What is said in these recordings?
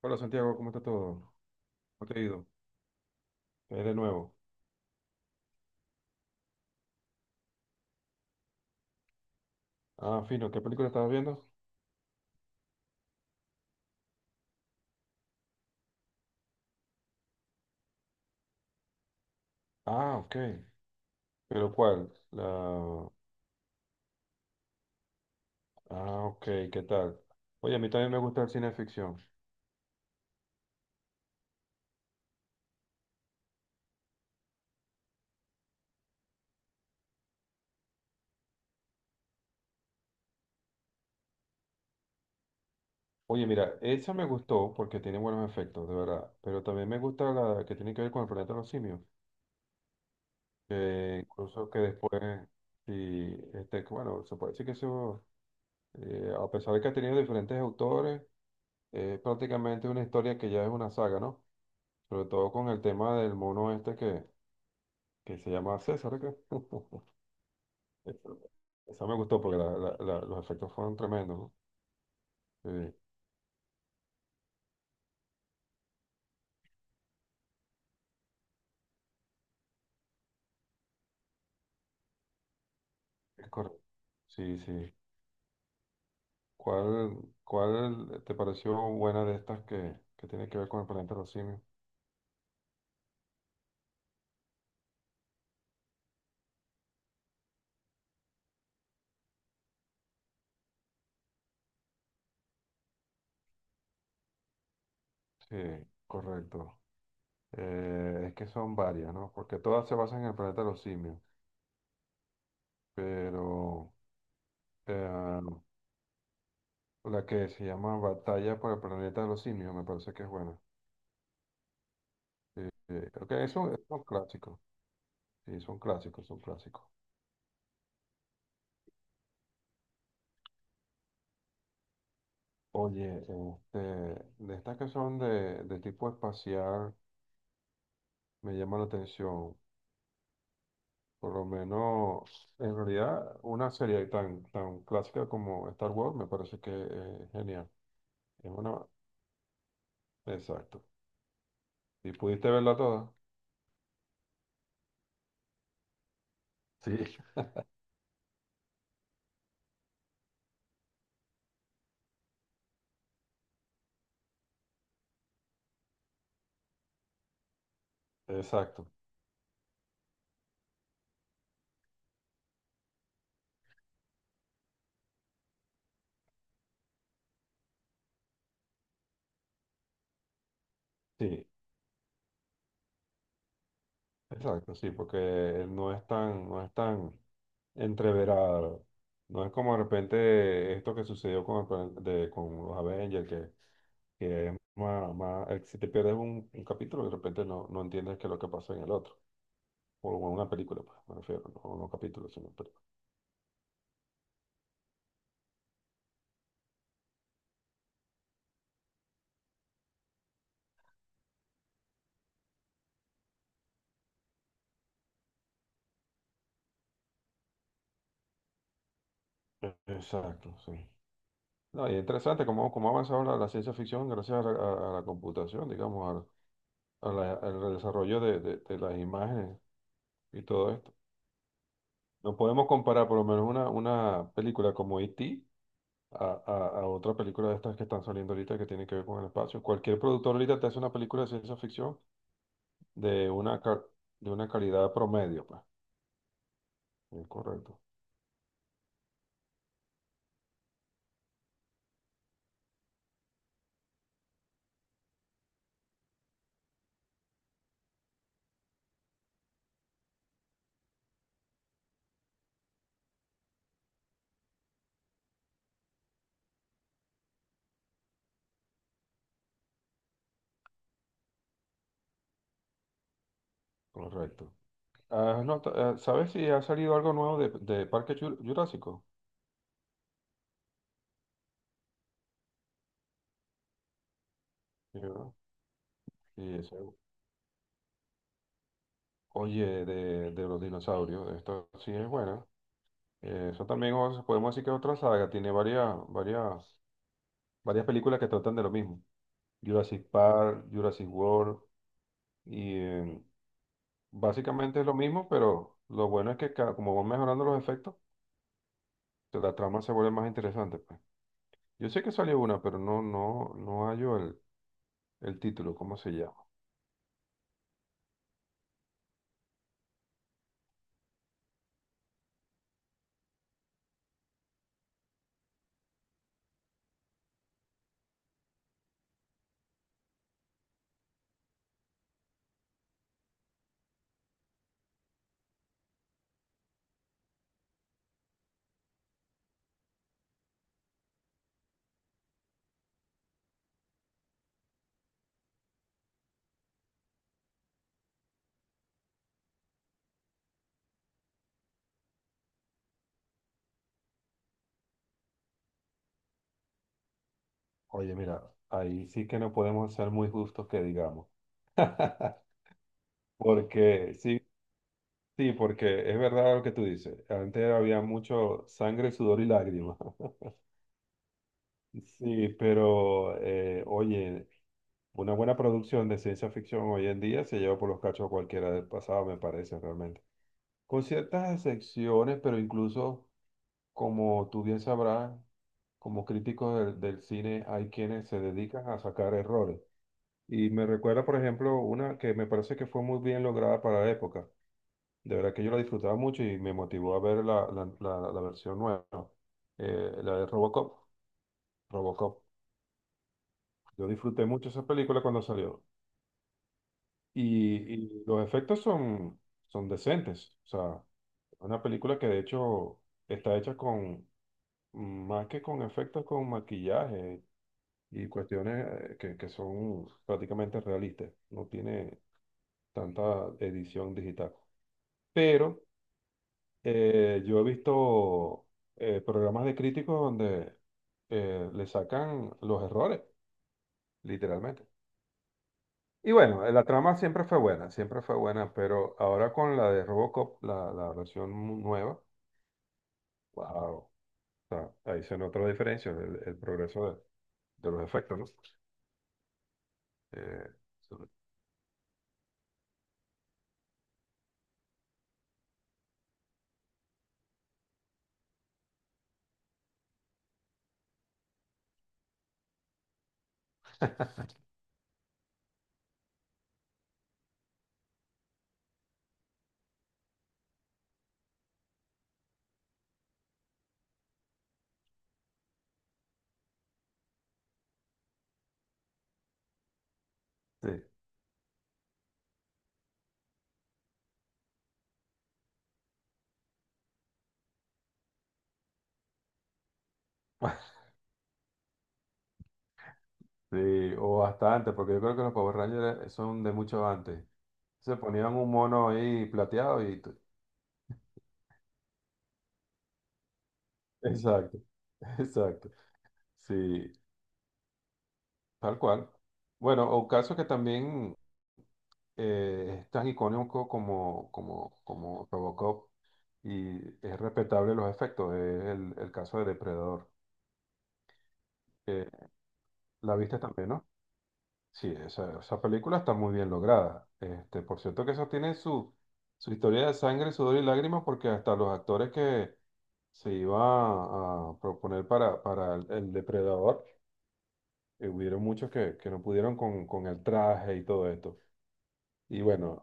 Hola Santiago, ¿cómo está todo? ¿Cómo te ha ido? De nuevo. Ah, fino, ¿qué película estabas viendo? Ah, ok. ¿Pero cuál? Ah, ok, ¿qué tal? Oye, a mí también me gusta el cine de ficción. Oye, mira, esa me gustó porque tiene buenos efectos, de verdad. Pero también me gusta la que tiene que ver con el planeta de los simios. Que incluso que después, sí, este, que bueno, se puede decir que eso, a pesar de que ha tenido diferentes autores, es prácticamente una historia que ya es una saga, ¿no? Sobre todo con el tema del mono este que se llama César acá. Esa esa me gustó porque los efectos fueron tremendos, ¿no? Sí, es correcto. Sí, sí. ¿Cuál, cuál te pareció buena de estas que tiene que ver con el planeta de los simios? Sí, correcto. Es que son varias, ¿no? Porque todas se basan en el planeta de los simios, pero eh, la que se llama Batalla por el planeta de los simios me parece que es buena. Ok, eso es un clásico. Sí, son clásicos, son clásicos. Oye, este, de estas que son de tipo espacial, me llama la atención. Por lo menos, en realidad, una serie tan clásica como Star Wars me parece que es genial. Es una... Exacto. ¿Y pudiste verla toda? Sí. Exacto. Sí. Exacto, sí, porque no es tan entreverada. No es como de repente esto que sucedió con, el plan- de, con los Avengers, que es más, si te pierdes un capítulo, de repente no entiendes qué es lo que pasó en el otro. O en una película, pues, me refiero, no capítulos, sino película. Exacto, sí. No, y interesante cómo ha avanzado la ciencia ficción gracias a la computación, digamos, al desarrollo de las imágenes y todo esto. No podemos comparar por lo menos una película como E.T. A, a, a otra película de estas que están saliendo ahorita que tienen que ver con el espacio. Cualquier productor ahorita te hace una película de ciencia ficción de una, ca- de una calidad promedio, pues. Correcto, correcto. Ah, no, ¿sabes si ha salido algo nuevo de Parque Jurásico? Sí, ¿verdad? Sí, Oye, de los dinosaurios, esto sí es bueno. Eso también podemos decir que es otra saga, tiene varias películas que tratan de lo mismo. Jurassic Park, Jurassic World, y básicamente es lo mismo, pero lo bueno es que como van mejorando los efectos, que la trama se vuelve más interesante, pues. Yo sé que salió una, pero no hallo el título, ¿cómo se llama? Oye, mira, ahí sí que no podemos ser muy justos que digamos. Porque, sí, sí, porque es verdad lo que tú dices. Antes había mucho sangre, sudor y lágrimas. Sí, pero oye, una buena producción de ciencia ficción hoy en día se lleva por los cachos a cualquiera del pasado, me parece realmente. Con ciertas excepciones, pero incluso, como tú bien sabrás, como críticos del cine hay quienes se dedican a sacar errores. Y me recuerda, por ejemplo, una que me parece que fue muy bien lograda para la época. De verdad que yo la disfrutaba mucho y me motivó a ver la versión nueva, la de Robocop. Robocop. Yo disfruté mucho esa película cuando salió. Y los efectos son decentes. O sea, una película que de hecho está hecha con, más que con efectos, con maquillaje y cuestiones que son prácticamente realistas. No tiene tanta edición digital. Pero yo he visto programas de críticos donde le sacan los errores, literalmente. Y bueno, la trama siempre fue buena, pero ahora con la de Robocop, la versión nueva, wow, o sea, ahí se nota la diferencia, el progreso de los efectos, ¿no? Eh, sobre- sí, sí, o bastante, porque yo creo que los Power Rangers son de mucho antes. Se ponían un mono ahí plateado. Exacto, exacto. Sí, tal cual. Bueno, un caso que también es tan icónico como Robocop y es respetable los efectos, es el caso de Depredador. Eh, ¿La viste también, no? Sí, esa película está muy bien lograda. Este, por cierto que eso tiene su historia de sangre, sudor y lágrimas, porque hasta los actores que se iba a proponer para el depredador, hubieron muchos que no pudieron con el traje y todo esto. Y bueno,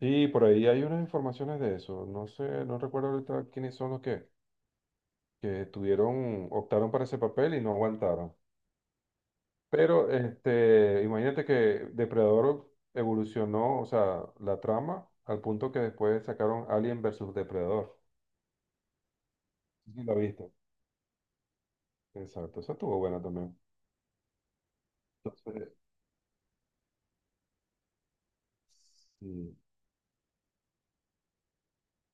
sí, por ahí hay unas informaciones de eso. No sé, no recuerdo ahorita quiénes son los que tuvieron, optaron para ese papel y no aguantaron. Pero este, imagínate que Depredador evolucionó, o sea, la trama, al punto que después sacaron Alien versus Depredador. Sí, sí, lo viste. Exacto, eso estuvo bueno también. Entonces, sí,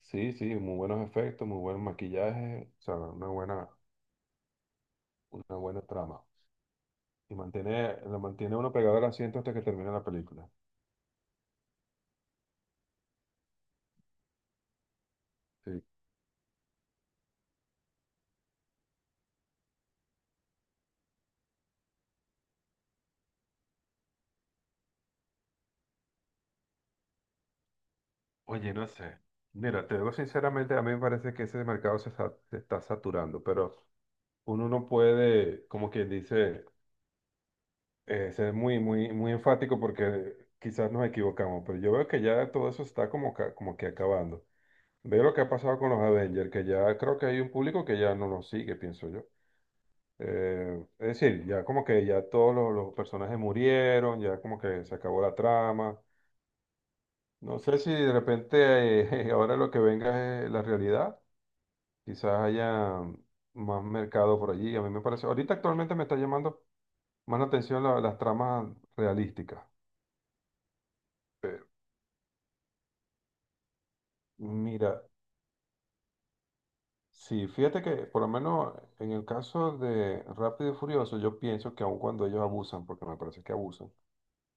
sí, sí, muy buenos efectos, muy buen maquillaje, o sea, una buena trama. Y mantiene, lo mantiene uno pegado al asiento hasta que termina la película. Sí. Oye, no sé. Mira, te digo sinceramente, a mí me parece que ese mercado se está saturando, pero uno no puede, como quien dice, ser muy enfático porque quizás nos equivocamos, pero yo veo que ya todo eso está como que acabando. Veo lo que ha pasado con los Avengers, que ya creo que hay un público que ya no los sigue, pienso yo. Es decir, ya como que ya todos los personajes murieron, ya como que se acabó la trama. No sé si de repente ahora lo que venga es la realidad. Quizás haya más mercado por allí. A mí me parece, ahorita actualmente me está llamando más la atención las tramas realísticas. Mira, sí, fíjate que por lo menos en el caso de Rápido y Furioso, yo pienso que aun cuando ellos abusan, porque me parece que abusan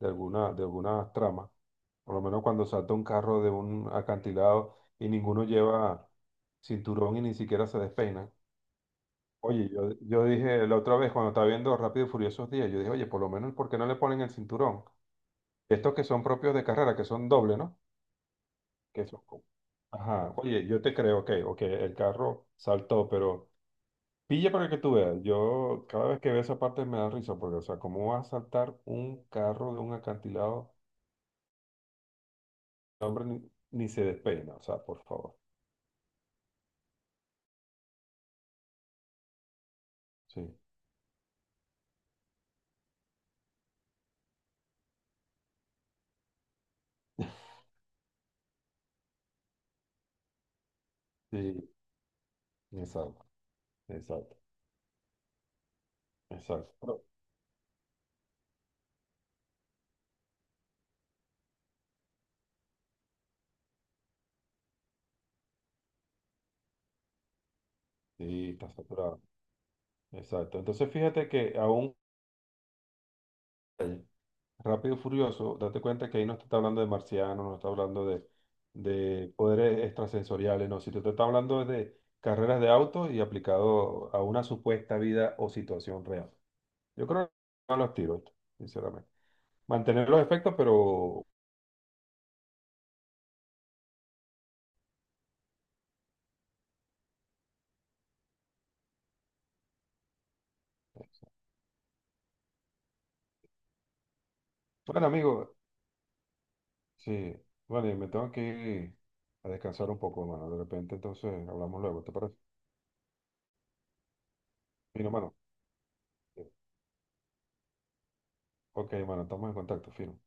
de algunas tramas, por lo menos cuando salta un carro de un acantilado y ninguno lleva cinturón y ni siquiera se despeina. Oye, yo dije la otra vez cuando estaba viendo Rápido y Furiosos 10, yo dije, oye, por lo menos, ¿por qué no le ponen el cinturón? Estos que son propios de carrera, que son doble, ¿no? Que son como- Ajá, oye, yo te creo, ok, ok, el carro saltó, pero pilla para que tú veas. Yo cada vez que veo esa parte me da risa, porque, o sea, ¿cómo va a saltar un carro de un acantilado? El hombre ni se despeina, o sea, por favor. Sí, sí, exacto, exacto, exacto. Sí, está saturado, exacto. Entonces, fíjate que aún. Rápido y Furioso, date cuenta que ahí no te está hablando de marcianos, no está hablando de poderes extrasensoriales, no, si te está hablando de carreras de autos y aplicado a una supuesta vida o situación real. Yo creo que no los tiros, sinceramente. Mantener los efectos, pero bueno, amigo, sí, vale, me tengo que ir a descansar un poco, hermano. De repente, entonces hablamos luego, ¿te parece? Fino, hermano. Ok, hermano, estamos en contacto, fino.